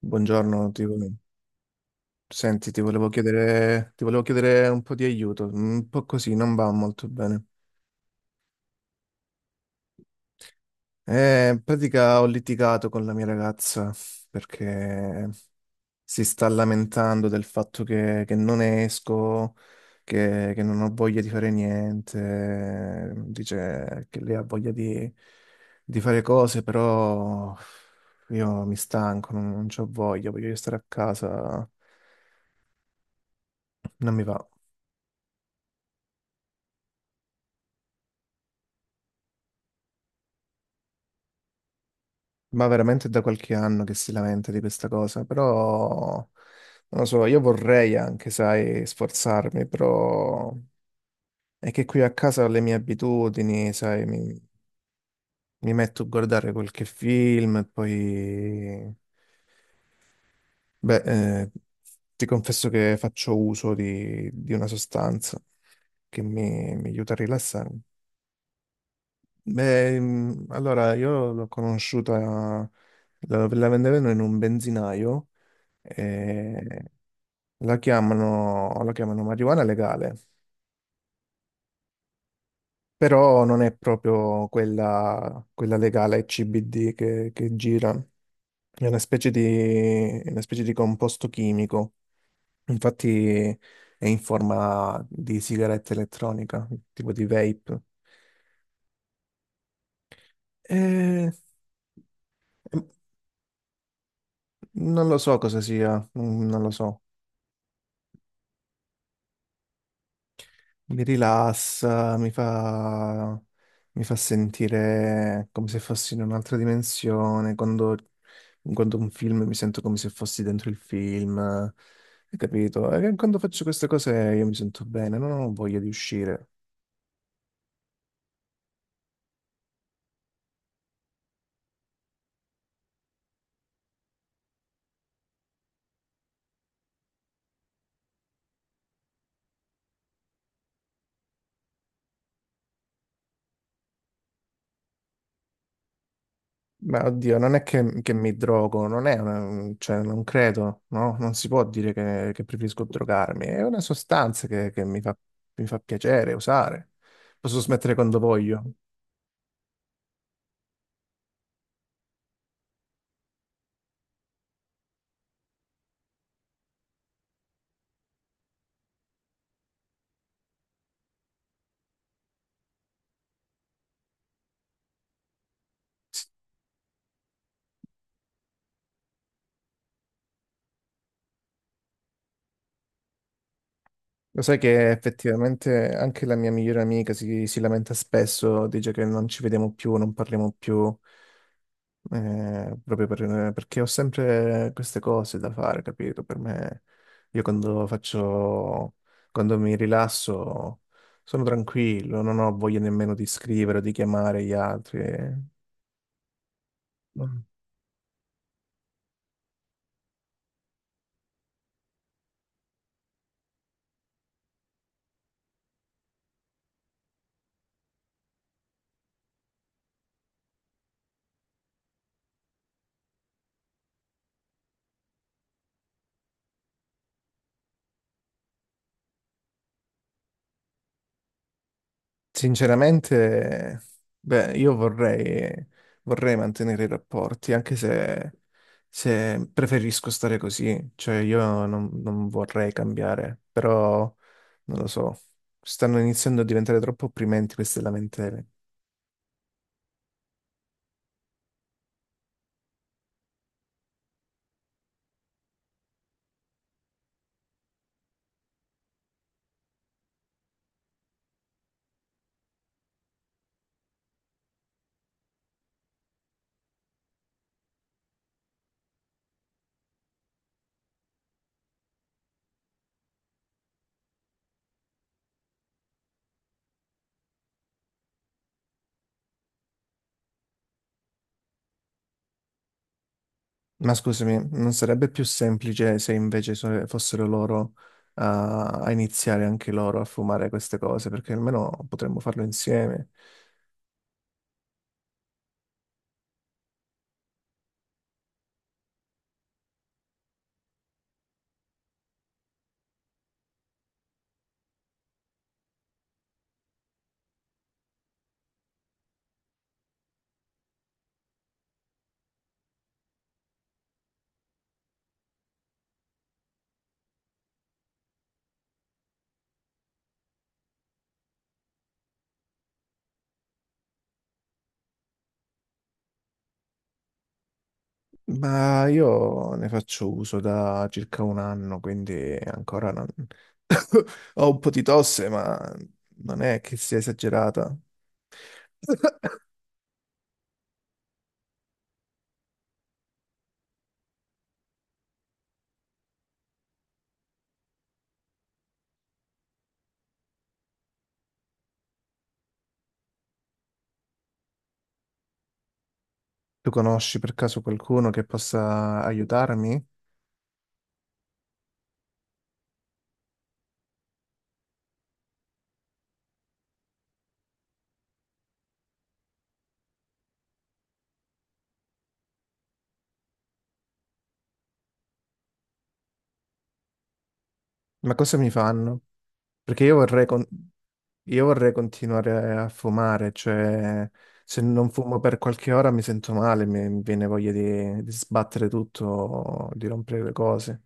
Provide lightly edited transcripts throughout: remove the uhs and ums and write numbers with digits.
Buongiorno, senti, ti volevo chiedere un po' di aiuto, un po' così, non va molto bene. In pratica ho litigato con la mia ragazza perché si sta lamentando del fatto che non esco, che non ho voglia di fare niente, dice che lei ha voglia di fare cose, però io mi stanco, non c'ho voglia, voglio stare a casa, non mi va. Ma veramente da qualche anno che si lamenta di questa cosa, però non lo so, io vorrei anche, sai, sforzarmi, però è che qui a casa ho le mie abitudini, sai, mi metto a guardare qualche film e poi, beh, eh, ti confesso che faccio uso di una sostanza mi aiuta a rilassarmi. Beh, allora io l'ho conosciuta, la vendevano in un benzinaio. E la chiamano marijuana legale, però non è proprio quella, quella legale CBD che gira, è una specie di, è una specie di composto chimico, infatti è in forma di sigaretta elettronica, tipo di vape. E- Non lo so cosa sia, non lo so. Mi rilassa, mi fa sentire come se fossi in un'altra dimensione. Quando guardo un film mi sento come se fossi dentro il film. Hai capito? E quando faccio queste cose io mi sento bene, non ho voglia di uscire. Ma oddio, non è che mi drogo, non è una, cioè, non credo, no? Non si può dire che preferisco drogarmi. È una sostanza che mi fa piacere usare. Posso smettere quando voglio. Lo sai che effettivamente anche la mia migliore amica si lamenta spesso, dice che non ci vediamo più, non parliamo più, perché ho sempre queste cose da fare, capito? Per me, io quando faccio, quando mi rilasso, sono tranquillo, non ho voglia nemmeno di scrivere o di chiamare gli altri. Sinceramente, beh, vorrei mantenere i rapporti, anche se, se preferisco stare così, cioè io non, non vorrei cambiare, però non lo so, stanno iniziando a diventare troppo opprimenti queste lamentele. Ma scusami, non sarebbe più semplice se fossero loro a iniziare anche loro a fumare queste cose, perché almeno potremmo farlo insieme. Ma io ne faccio uso da circa un anno, quindi ancora non... Ho un po' di tosse, ma non è che sia esagerata. Tu conosci per caso qualcuno che possa aiutarmi? Ma cosa mi fanno? Perché io vorrei continuare a fumare, cioè se non fumo per qualche ora mi sento male, mi viene voglia di sbattere tutto, di rompere le cose.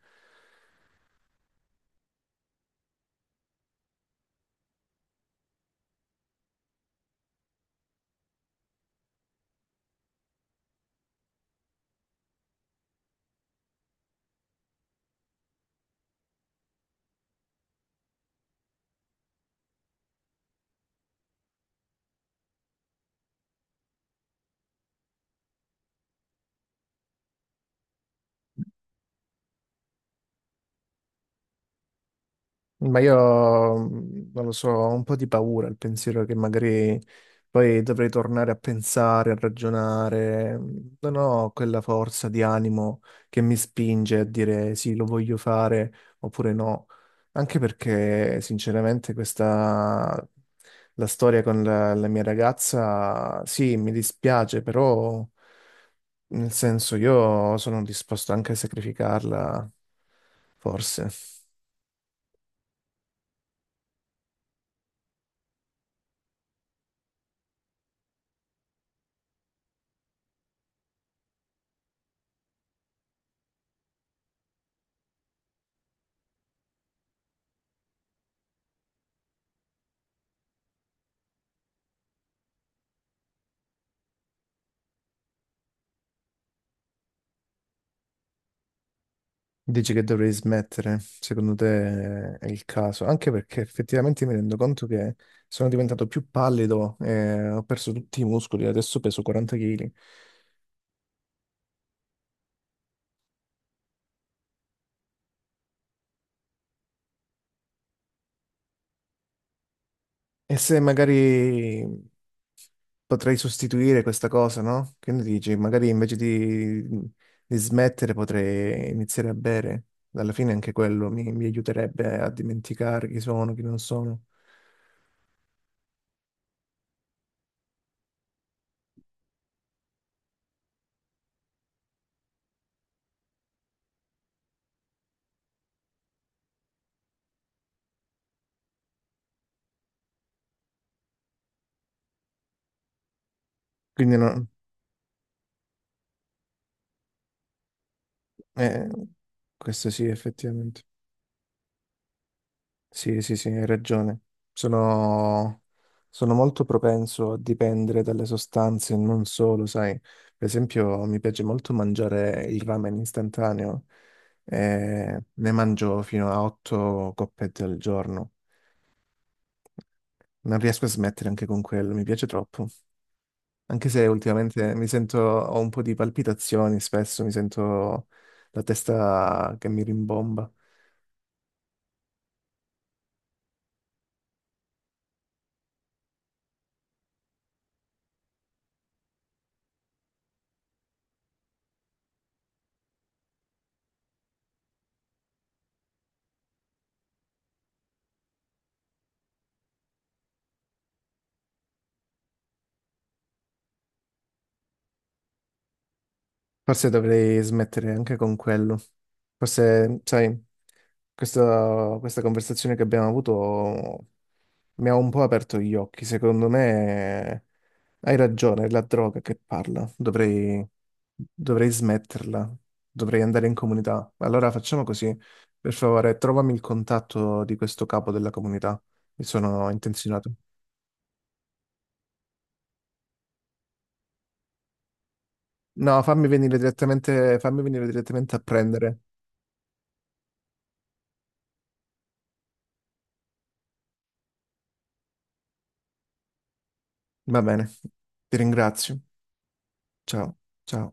Ma io non lo so, ho un po' di paura al pensiero che magari poi dovrei tornare a pensare, a ragionare. Non ho quella forza di animo che mi spinge a dire sì, lo voglio fare oppure no. Anche perché, sinceramente, questa la storia con la mia ragazza, sì, mi dispiace, però nel senso io sono disposto anche a sacrificarla, forse. Dici che dovrei smettere, secondo te è il caso, anche perché effettivamente mi rendo conto che sono diventato più pallido, ho perso tutti i muscoli, adesso peso 40 kg. E se magari potrei sostituire questa cosa, no? Che ne dici? Magari di smettere potrei iniziare a bere. Alla fine anche mi aiuterebbe a dimenticare chi sono, chi non sono. Quindi no, eh, questo sì, effettivamente. Sì, sì, sì, hai ragione. Sono, sono molto propenso a dipendere dalle sostanze, non solo, sai. Per esempio, mi piace molto mangiare il ramen istantaneo, e ne mangio fino a 8 coppette al giorno. Non riesco a smettere anche con quello, mi piace troppo. Anche se ultimamente ho un po' di palpitazioni, spesso mi sento la testa che mi rimbomba. Forse dovrei smettere anche con quello. Forse, sai, questa conversazione che abbiamo avuto mi ha un po' aperto gli occhi. Secondo me hai ragione, è la droga che parla. Dovrei smetterla, dovrei andare in comunità. Allora facciamo così, per favore, trovami il contatto di questo capo della comunità. Mi sono intenzionato. No, fammi venire direttamente a prendere. Va bene, ti ringrazio. Ciao, ciao.